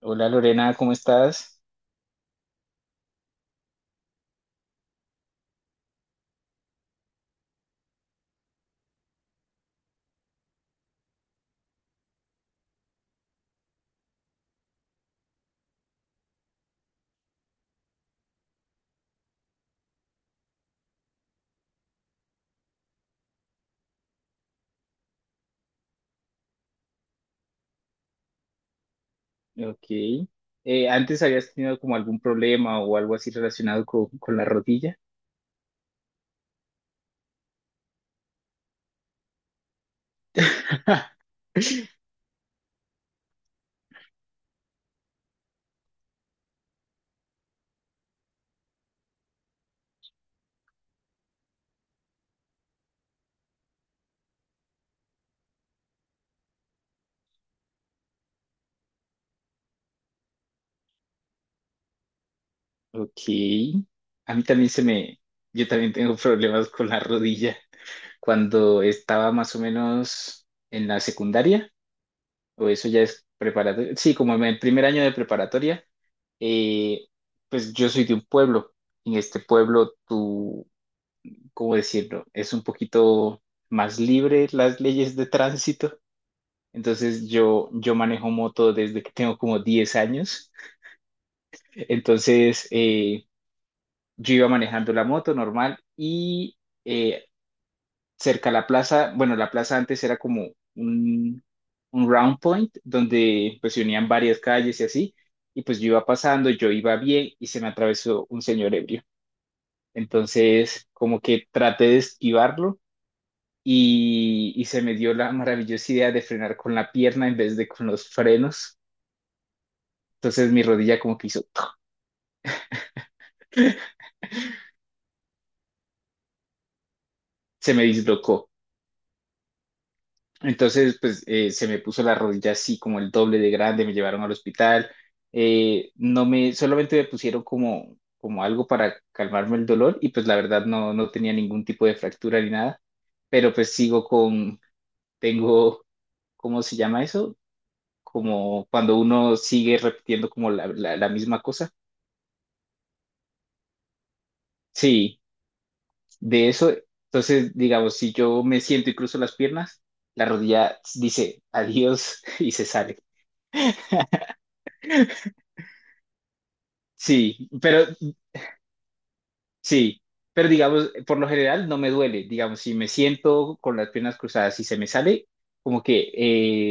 Hola Lorena, ¿cómo estás? Ok. ¿Antes habías tenido como algún problema o algo así relacionado con la rodilla? Ok. A mí también se me, Yo también tengo problemas con la rodilla. Cuando estaba más o menos en la secundaria, o eso ya es preparatoria, sí, como en el primer año de preparatoria, eh, pues yo soy de un pueblo. En este pueblo, tú, ¿cómo decirlo? Es un poquito más libre las leyes de tránsito. Entonces yo manejo moto desde que tengo como 10 años. Entonces yo iba manejando la moto normal y eh, cerca a la plaza, bueno, la plaza antes era como un, un round point donde pues se unían varias calles y así. Y pues yo iba pasando, yo iba bien y se me atravesó un señor ebrio. Entonces como que traté de esquivarlo y se me dio la maravillosa idea de frenar con la pierna en vez de con los frenos. Entonces mi rodilla como que hizo, ¡toc! Se me dislocó. Entonces, pues se me puso la rodilla así como el doble de grande, me llevaron al hospital. No me, solamente me pusieron como algo para calmarme el dolor y pues la verdad no tenía ningún tipo de fractura ni nada, pero pues tengo, ¿cómo se llama eso? Como cuando uno sigue repitiendo como la misma cosa. Sí. De eso, entonces, digamos, si yo me siento y cruzo las piernas, la rodilla dice adiós y se sale. Sí, pero sí, pero digamos, por lo general no me duele. Digamos, si me siento con las piernas cruzadas y se me sale, como que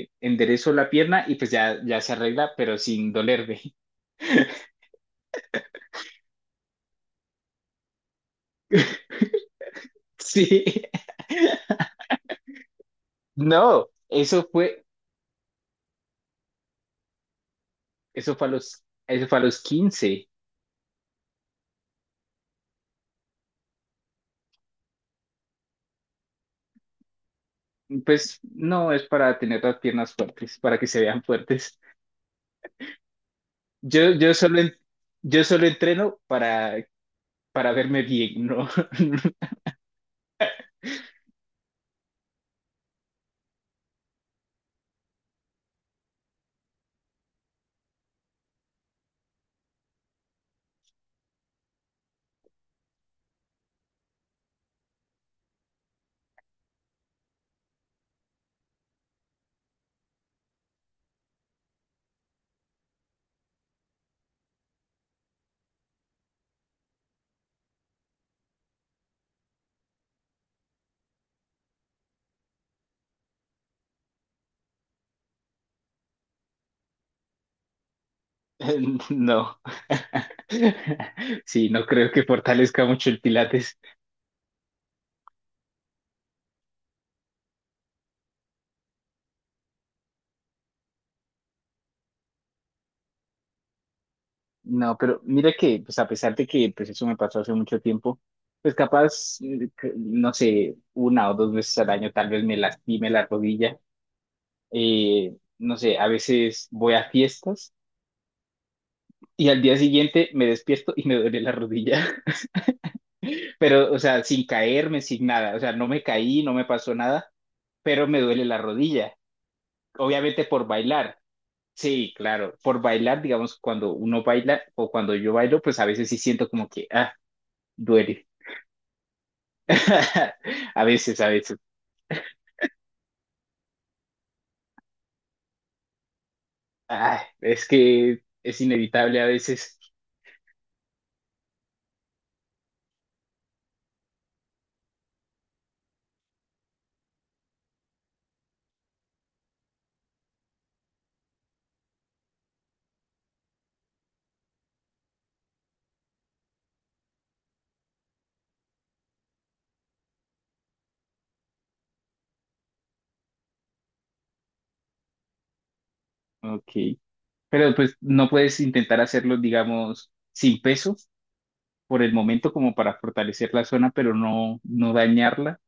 enderezo la pierna y pues ya se arregla, pero sin dolerme. Sí, no, eso fue a los, eso fue a los 15. Pues no, es para tener las piernas fuertes, para que se vean fuertes. Yo, yo solo, en- yo solo entreno para verme bien, ¿no? No. Sí, no creo que fortalezca mucho el Pilates. No, pero mira que, pues a pesar de que pues eso me pasó hace mucho tiempo, pues capaz, no sé, una o dos veces al año tal vez me lastime la rodilla. No sé, a veces voy a fiestas y al día siguiente me despierto y me duele la rodilla. Pero, o sea, sin caerme, sin nada, o sea, no me caí, no me pasó nada, pero me duele la rodilla, obviamente por bailar. Sí, claro, por bailar, digamos, cuando uno baila o cuando yo bailo, pues a veces sí siento como que, ah, duele. A veces, a veces. Ah, es que es inevitable a veces. Ok. Pero pues no puedes intentar hacerlo, digamos, sin peso por el momento como para fortalecer la zona, pero no, no dañarla.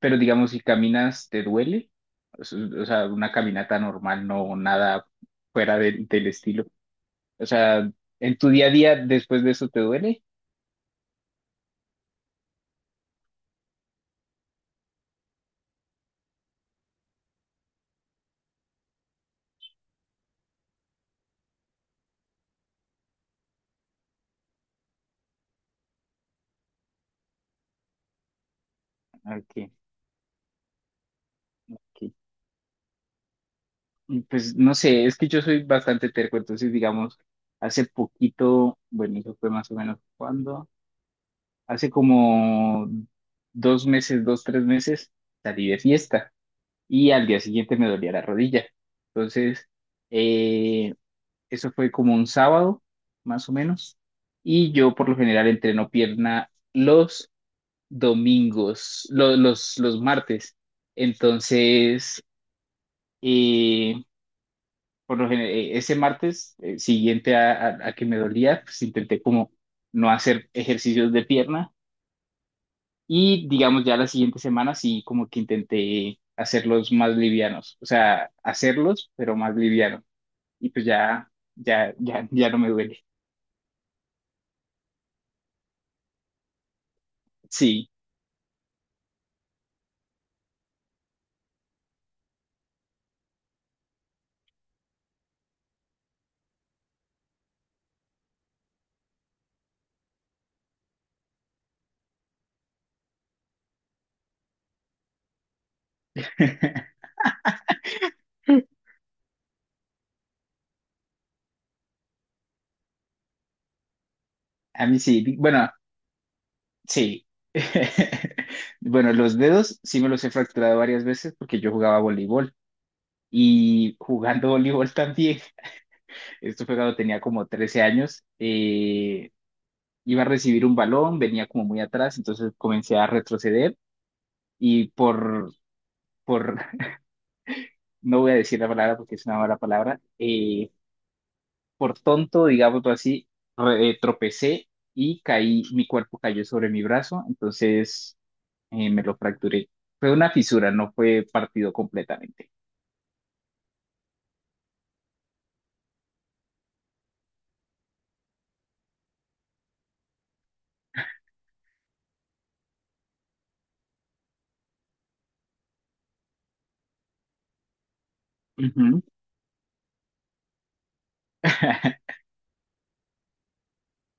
Pero digamos, si caminas, ¿te duele? O sea, una caminata normal, no nada fuera del estilo. O sea, ¿en tu día a día después de eso te duele? Ok, ok. Y pues no sé, es que yo soy bastante terco, entonces digamos, hace poquito, bueno, eso fue más o menos cuando, hace como 2 meses, 2, 3 meses, salí de fiesta y al día siguiente me dolía la rodilla. Entonces, eh, Eso fue como un sábado, más o menos. Y yo por lo general entreno pierna los domingos, los martes. Entonces, eh, por lo general, ese martes siguiente a que me dolía, pues intenté como no hacer ejercicios de pierna. Y digamos ya la siguiente semana sí como que intenté hacerlos más livianos. O sea, hacerlos, pero más livianos. Y pues ya no me duele. Sí. A mí sí, bueno, sí. Bueno, los dedos sí me los he fracturado varias veces porque yo jugaba voleibol y jugando voleibol también, esto fue cuando tenía como 13 años, iba a recibir un balón, venía como muy atrás, entonces comencé a retroceder y por, no voy a decir la palabra porque es una mala palabra, por tonto, digámoslo así, tropecé y caí, mi cuerpo cayó sobre mi brazo, entonces... me lo fracturé. Fue una fisura, no fue partido completamente. Ujú.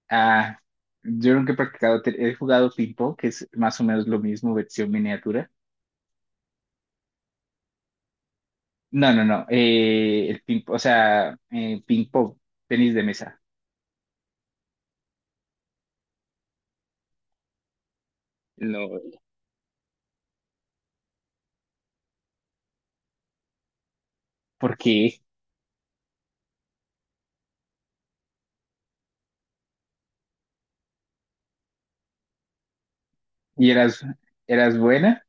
Ah, yo nunca he practicado, he jugado ping-pong, que es más o menos lo mismo, versión miniatura. No, no, no, o sea, ping-pong, tenis de mesa. No. ¿Por qué? ¿Y eras buena?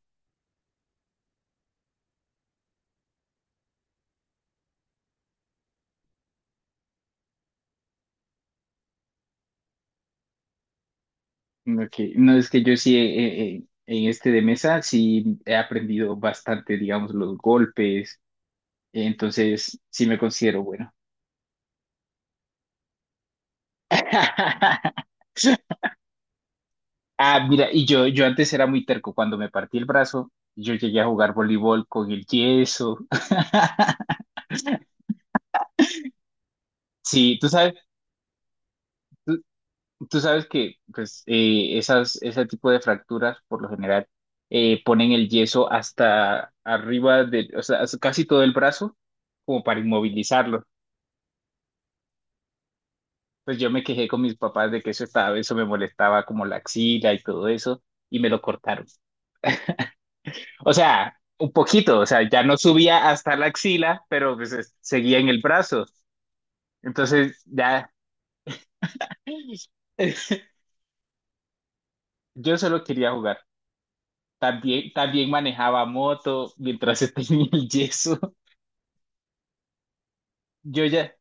Ok, no, es que yo sí, en este de mesa, sí he aprendido bastante, digamos, los golpes, entonces sí me considero bueno. Ah, mira, y yo antes era muy terco. Cuando me partí el brazo, yo llegué a jugar voleibol con el yeso. Sí, tú sabes, tú, tú sabes que pues, ese tipo de fracturas, por lo general, ponen el yeso hasta arriba de, o sea, hasta casi todo el brazo, como para inmovilizarlo. Pues yo me quejé con mis papás de que eso me molestaba como la axila y todo eso, y me lo cortaron. O sea, un poquito, o sea, ya no subía hasta la axila, pero pues seguía en el brazo. Entonces, ya, yo solo quería jugar. También, también manejaba moto mientras tenía el yeso. Yo ya...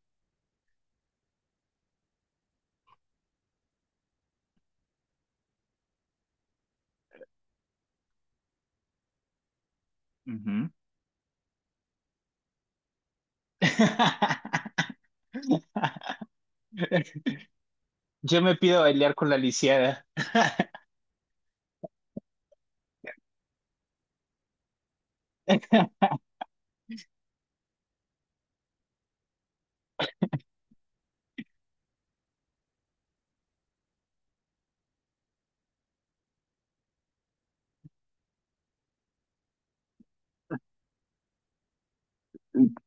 Ujú. Yo me pido bailar con la lisiada.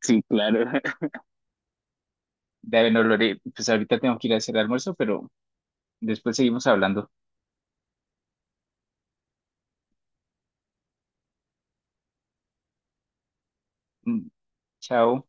Sí, claro. Dale, no, Lore, pues ahorita tengo que ir a hacer almuerzo, pero después seguimos hablando. Mm, chao.